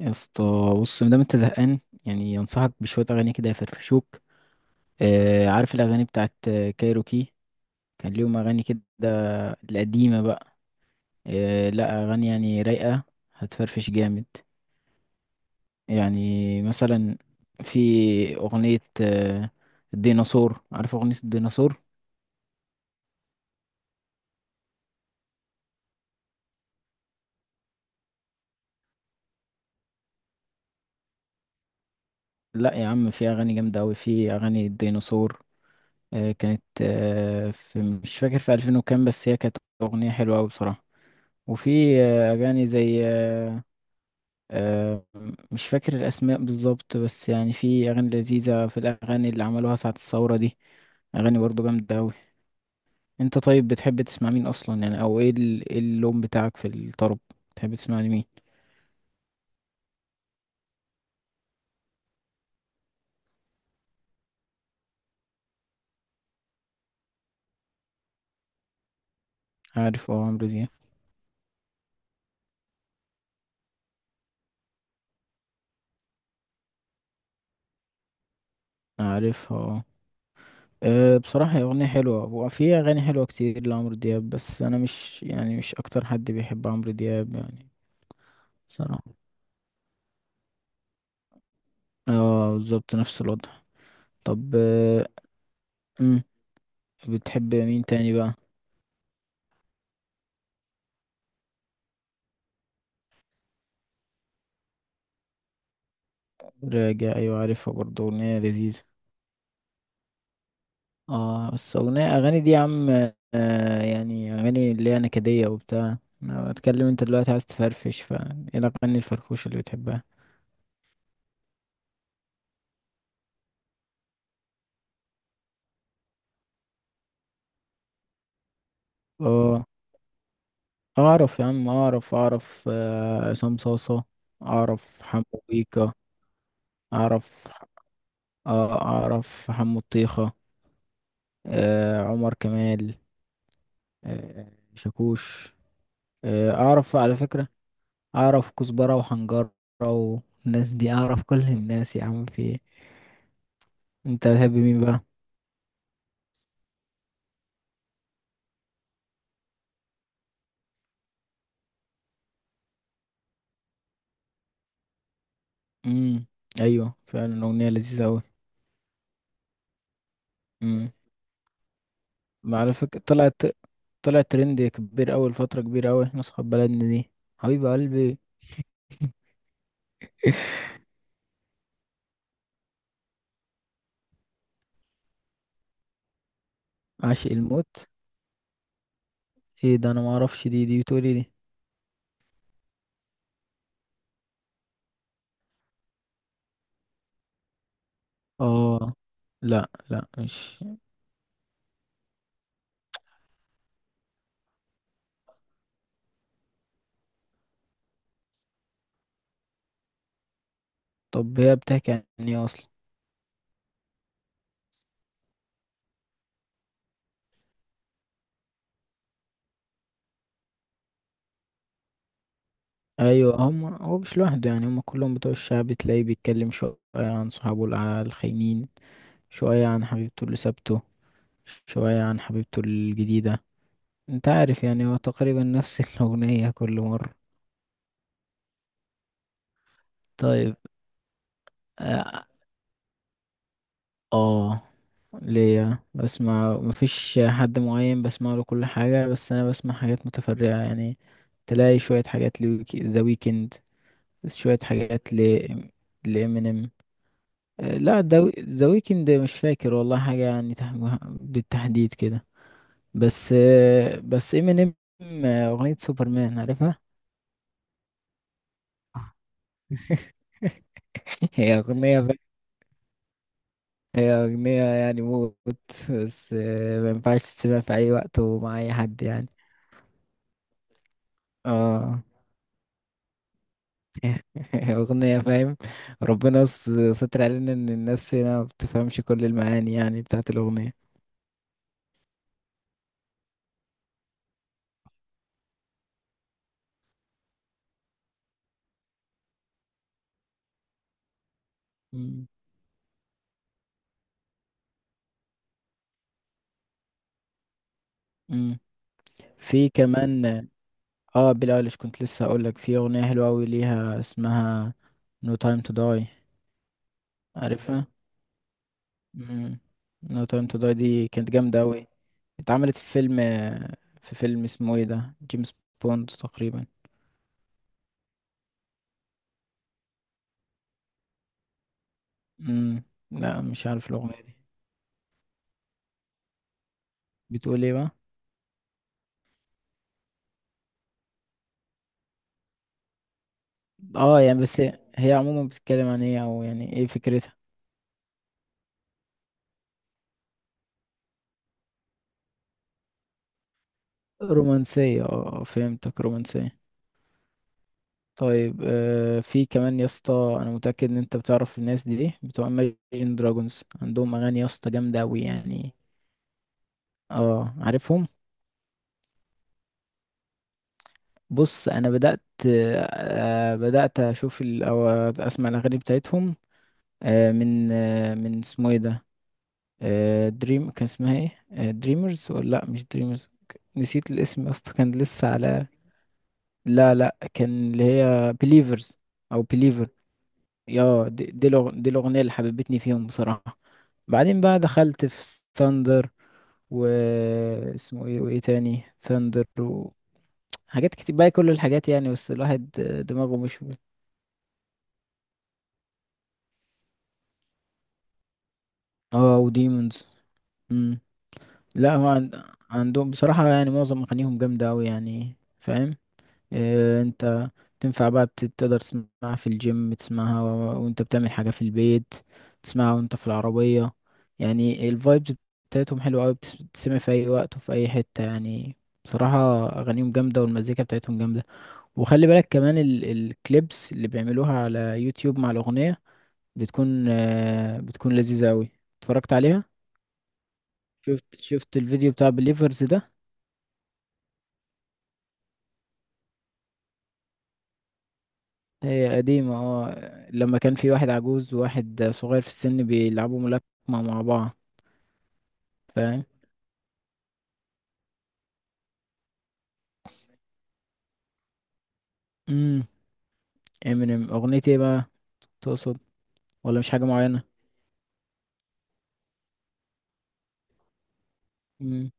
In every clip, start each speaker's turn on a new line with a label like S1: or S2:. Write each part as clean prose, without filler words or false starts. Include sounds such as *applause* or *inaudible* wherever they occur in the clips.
S1: يا اسطى، بص مادام انت زهقان يعني ينصحك بشوية أغاني كده يفرفشوك. آه، عارف الأغاني بتاعت كايروكي؟ كان ليهم أغاني كده القديمة بقى. آه لا، أغاني يعني رايقة هتفرفش جامد. يعني مثلا في أغنية الديناصور، عارف أغنية الديناصور؟ لا يا عم، في أغاني جامدة أوي، في أغاني الديناصور كانت في، مش فاكر، في ألفين وكام، بس هي كانت أغنية حلوة أوي بصراحة. وفي أغاني زي آه، مش فاكر الأسماء بالظبط بس يعني في أغاني لذيذة، في الأغاني اللي عملوها ساعة الثورة دي، أغاني برضه جامدة أوي. أنت طيب بتحب تسمع مين أصلا يعني، أو إيه إيه اللون بتاعك في الطرب؟ بتحب تسمع لمين؟ عارف أه عمرو دياب. عارف أه. بصراحة هي أغنية حلوة وفي أغاني حلوة كتير لعمرو دياب، بس أنا مش يعني مش أكتر حد بيحب عمرو دياب يعني. بصراحة اه بالظبط نفس الوضع. طب أمم، بتحب مين تاني بقى؟ راجع أيوة عارفها برضه، أغنية لذيذة. اه بس أغنية، أغاني دي يا عم يعني أغاني اللي هي نكدية وبتاع. أنا بتكلم أنت دلوقتي عايز تفرفش، فا، إيه الأغاني الفرفوشة اللي بتحبها؟ اه أعرف يا عم، أعرف أعرف عصام صاصة. أعرف حمو بيكا. أعرف آه، أعرف حمو الطيخة، آه عمر كمال، آه شاكوش، آه أعرف على فكرة. اعرف كزبرة وحنجرة والناس دي، اعرف كل الناس يا عم، في ايه؟ انت بتحب مين بقى؟ امم، ايوه فعلا اغنية لذيذة اوي. امم، ما على فكرة طلعت، طلعت ترند كبير اوي لفترة كبيرة اوي احنا اصحاب بلدنا دي. حبيب قلبي. عاشق الموت؟ ايه ده، انا ما اعرفش دي، دي بتقولي دي؟ اه، لا لا، مش. طب هي بتحكي عن ايه اصلا؟ ايوه هم، هو مش لوحده يعني، هم كلهم بتوع الشعب، تلاقيه بيتكلم شوية عن صحابه الخاينين، شوية عن حبيبته اللي سابته، شوية عن حبيبته الجديدة. انت عارف يعني هو تقريبا نفس *laughs* الأغنية كل مرة. طيب اه، آه، ليا بسمع مفيش حد معين بسمع له كل حاجة، بس أنا بسمع حاجات متفرعة يعني، تلاقي شوية حاجات ذا ويكند، شوية حاجات لإمينيم. لا، ذا ويكند مش فاكر والله حاجة يعني بالتحديد كده، بس بس إمينيم. أغنية سوبرمان عارفها؟ *laughs* هي أغنية بقى، هي أغنية يعني موت. بس ما ينفعش تسمع في أي وقت ومع أي حد يعني. اه *laughs* هي أغنية فاهم. ربنا ستر علينا إن الناس هنا ما بتفهمش كل المعاني يعني بتاعت الأغنية. مم. مم. في كمان. اه بيلي ايليش، كنت لسه هقولك في أغنية حلوة أوي ليها اسمها No Time to Die، عارفها؟ مم. No Time to Die دي كانت جامدة أوي، اتعملت في فيلم، في فيلم اسمه ايه ده، جيمس بوند تقريبا. مم. لا مش عارف الأغنية دي، بتقول ايه بقى؟ اه يعني بس، هي عموما بتتكلم عن ايه، أو يعني ايه فكرتها؟ رومانسية اه، آه، فهمتك، رومانسية. طيب في كمان يا اسطى، انا متأكد ان انت بتعرف الناس دي بتوع Imagine Dragons، عندهم اغاني يا اسطى جامدة أوي يعني. اه عارفهم. بص انا بدات بدات اشوف او اسمع الاغاني بتاعتهم من اسمه ايه ده، دريم كان اسمها ايه، دريمرز ولا لا مش دريمرز. نسيت الاسم يا اسطى كان لسه على، لا لا كان اللي هي بليفرز او بليفر. يا دي، دي دي الاغنيه اللي حببتني فيهم بصراحه. بعدين بقى دخلت في ثاندر، واسمه ايه وايه تاني ثاندر، وحاجات كتير بقى كل الحاجات يعني، بس الواحد دماغه مش. اه وديمونز. امم. لا هو عندهم بصراحة يعني معظم أغانيهم جامدة أوي يعني فاهم. إيه انت، تنفع بقى تقدر تسمعها في الجيم، تسمعها و... وانت بتعمل حاجة في البيت، تسمعها وانت في العربية، يعني الفايبز بتاعتهم حلوة أوي بتسمع في أي وقت وفي أي حتة يعني. بصراحة أغانيهم جامدة والمزيكا بتاعتهم جامدة. وخلي بالك كمان الكليبس اللي بيعملوها على يوتيوب مع الأغنية بتكون بتكون لذيذة أوي. اتفرجت عليها؟ شفت الفيديو بتاع بليفرز ده. هي قديمة اه، لما كان في واحد عجوز وواحد صغير في السن بيلعبوا ملاكمة مع بعض. فاهم. امم. امينيم اغنية ايه بقى، تقصد؟ ولا مش حاجة معينة؟ امم.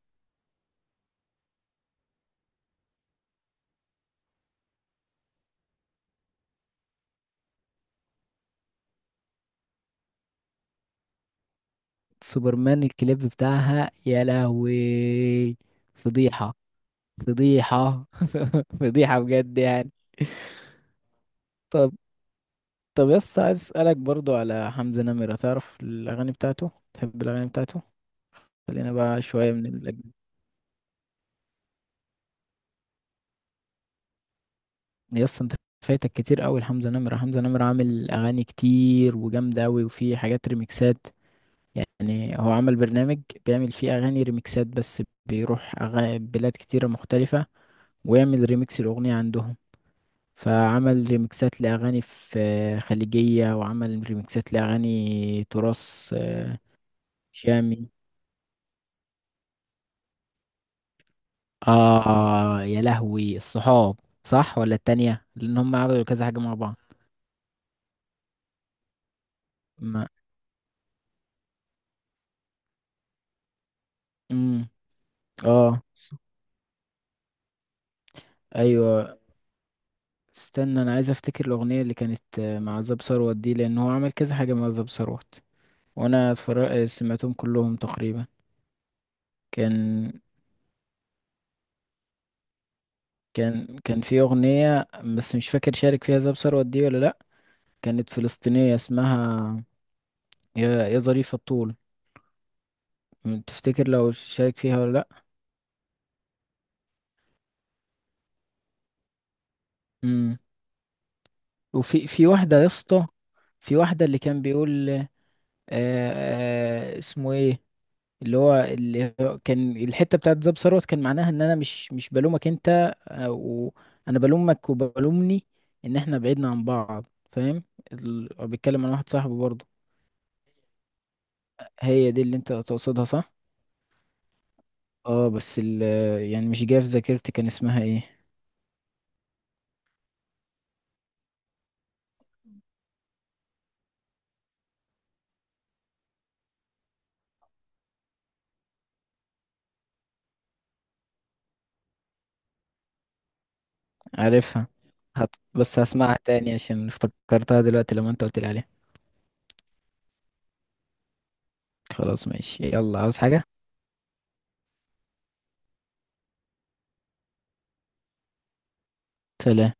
S1: سوبرمان الكليب بتاعها يا لهوي. فضيحة. فضيحة. *laughs* فضيحة بجد يعني. طب، طب يس، عايز اسألك برضو على حمزة نمرة، تعرف الأغاني بتاعته؟ تحب الأغاني بتاعته؟ خلينا بقى شوية من الأجنبي. يس انت فايتك كتير قوي لحمزة نمرة. حمزة نمرة عامل اغاني كتير وجامدة قوي وفي حاجات ريميكسات، يعني هو عمل برنامج بيعمل فيه اغاني ريميكسات، بس بيروح بلاد كتيرة مختلفة ويعمل ريميكس الاغنية عندهم، فعمل ريميكسات لاغاني في خليجية، وعمل ريميكسات لاغاني تراث شامي. اه يا لهوي الصحاب، صح ولا التانية، لان هم عملوا كذا حاجة مع بعض. ما، امم، اه، ايوه. استنى، انا عايز افتكر الاغنيه اللي كانت مع زاب ثروت دي، لان هو عمل كذا حاجه مع زاب ثروت وانا اتفرج سمعتهم كلهم تقريبا. كان، كان في اغنيه، بس مش فاكر شارك فيها زاب ثروت دي ولا لا، كانت فلسطينيه اسمها يا، يا ظريف الطول، تفتكر لو شارك فيها ولا لا؟ امم. في واحده يا اسطى، في واحده اللي كان بيقول آه اسمه ايه، اللي هو كان الحته بتاعت زاب ثروت كان معناها ان انا مش بلومك انت، او انا بلومك وبلومني ان احنا بعدنا عن بعض فاهم. بتكلم عن واحد صاحبي برضه. هي دي، اللي انت تقصدها صح؟ اه بس يعني مش جايه في ذاكرتي كان اسمها ايه. عارفها؟ بس هسمعها تاني عشان افتكرتها دلوقتي لما انت قلت لي عليها. خلاص ماشي يلا، عاوز حاجه؟ سلام.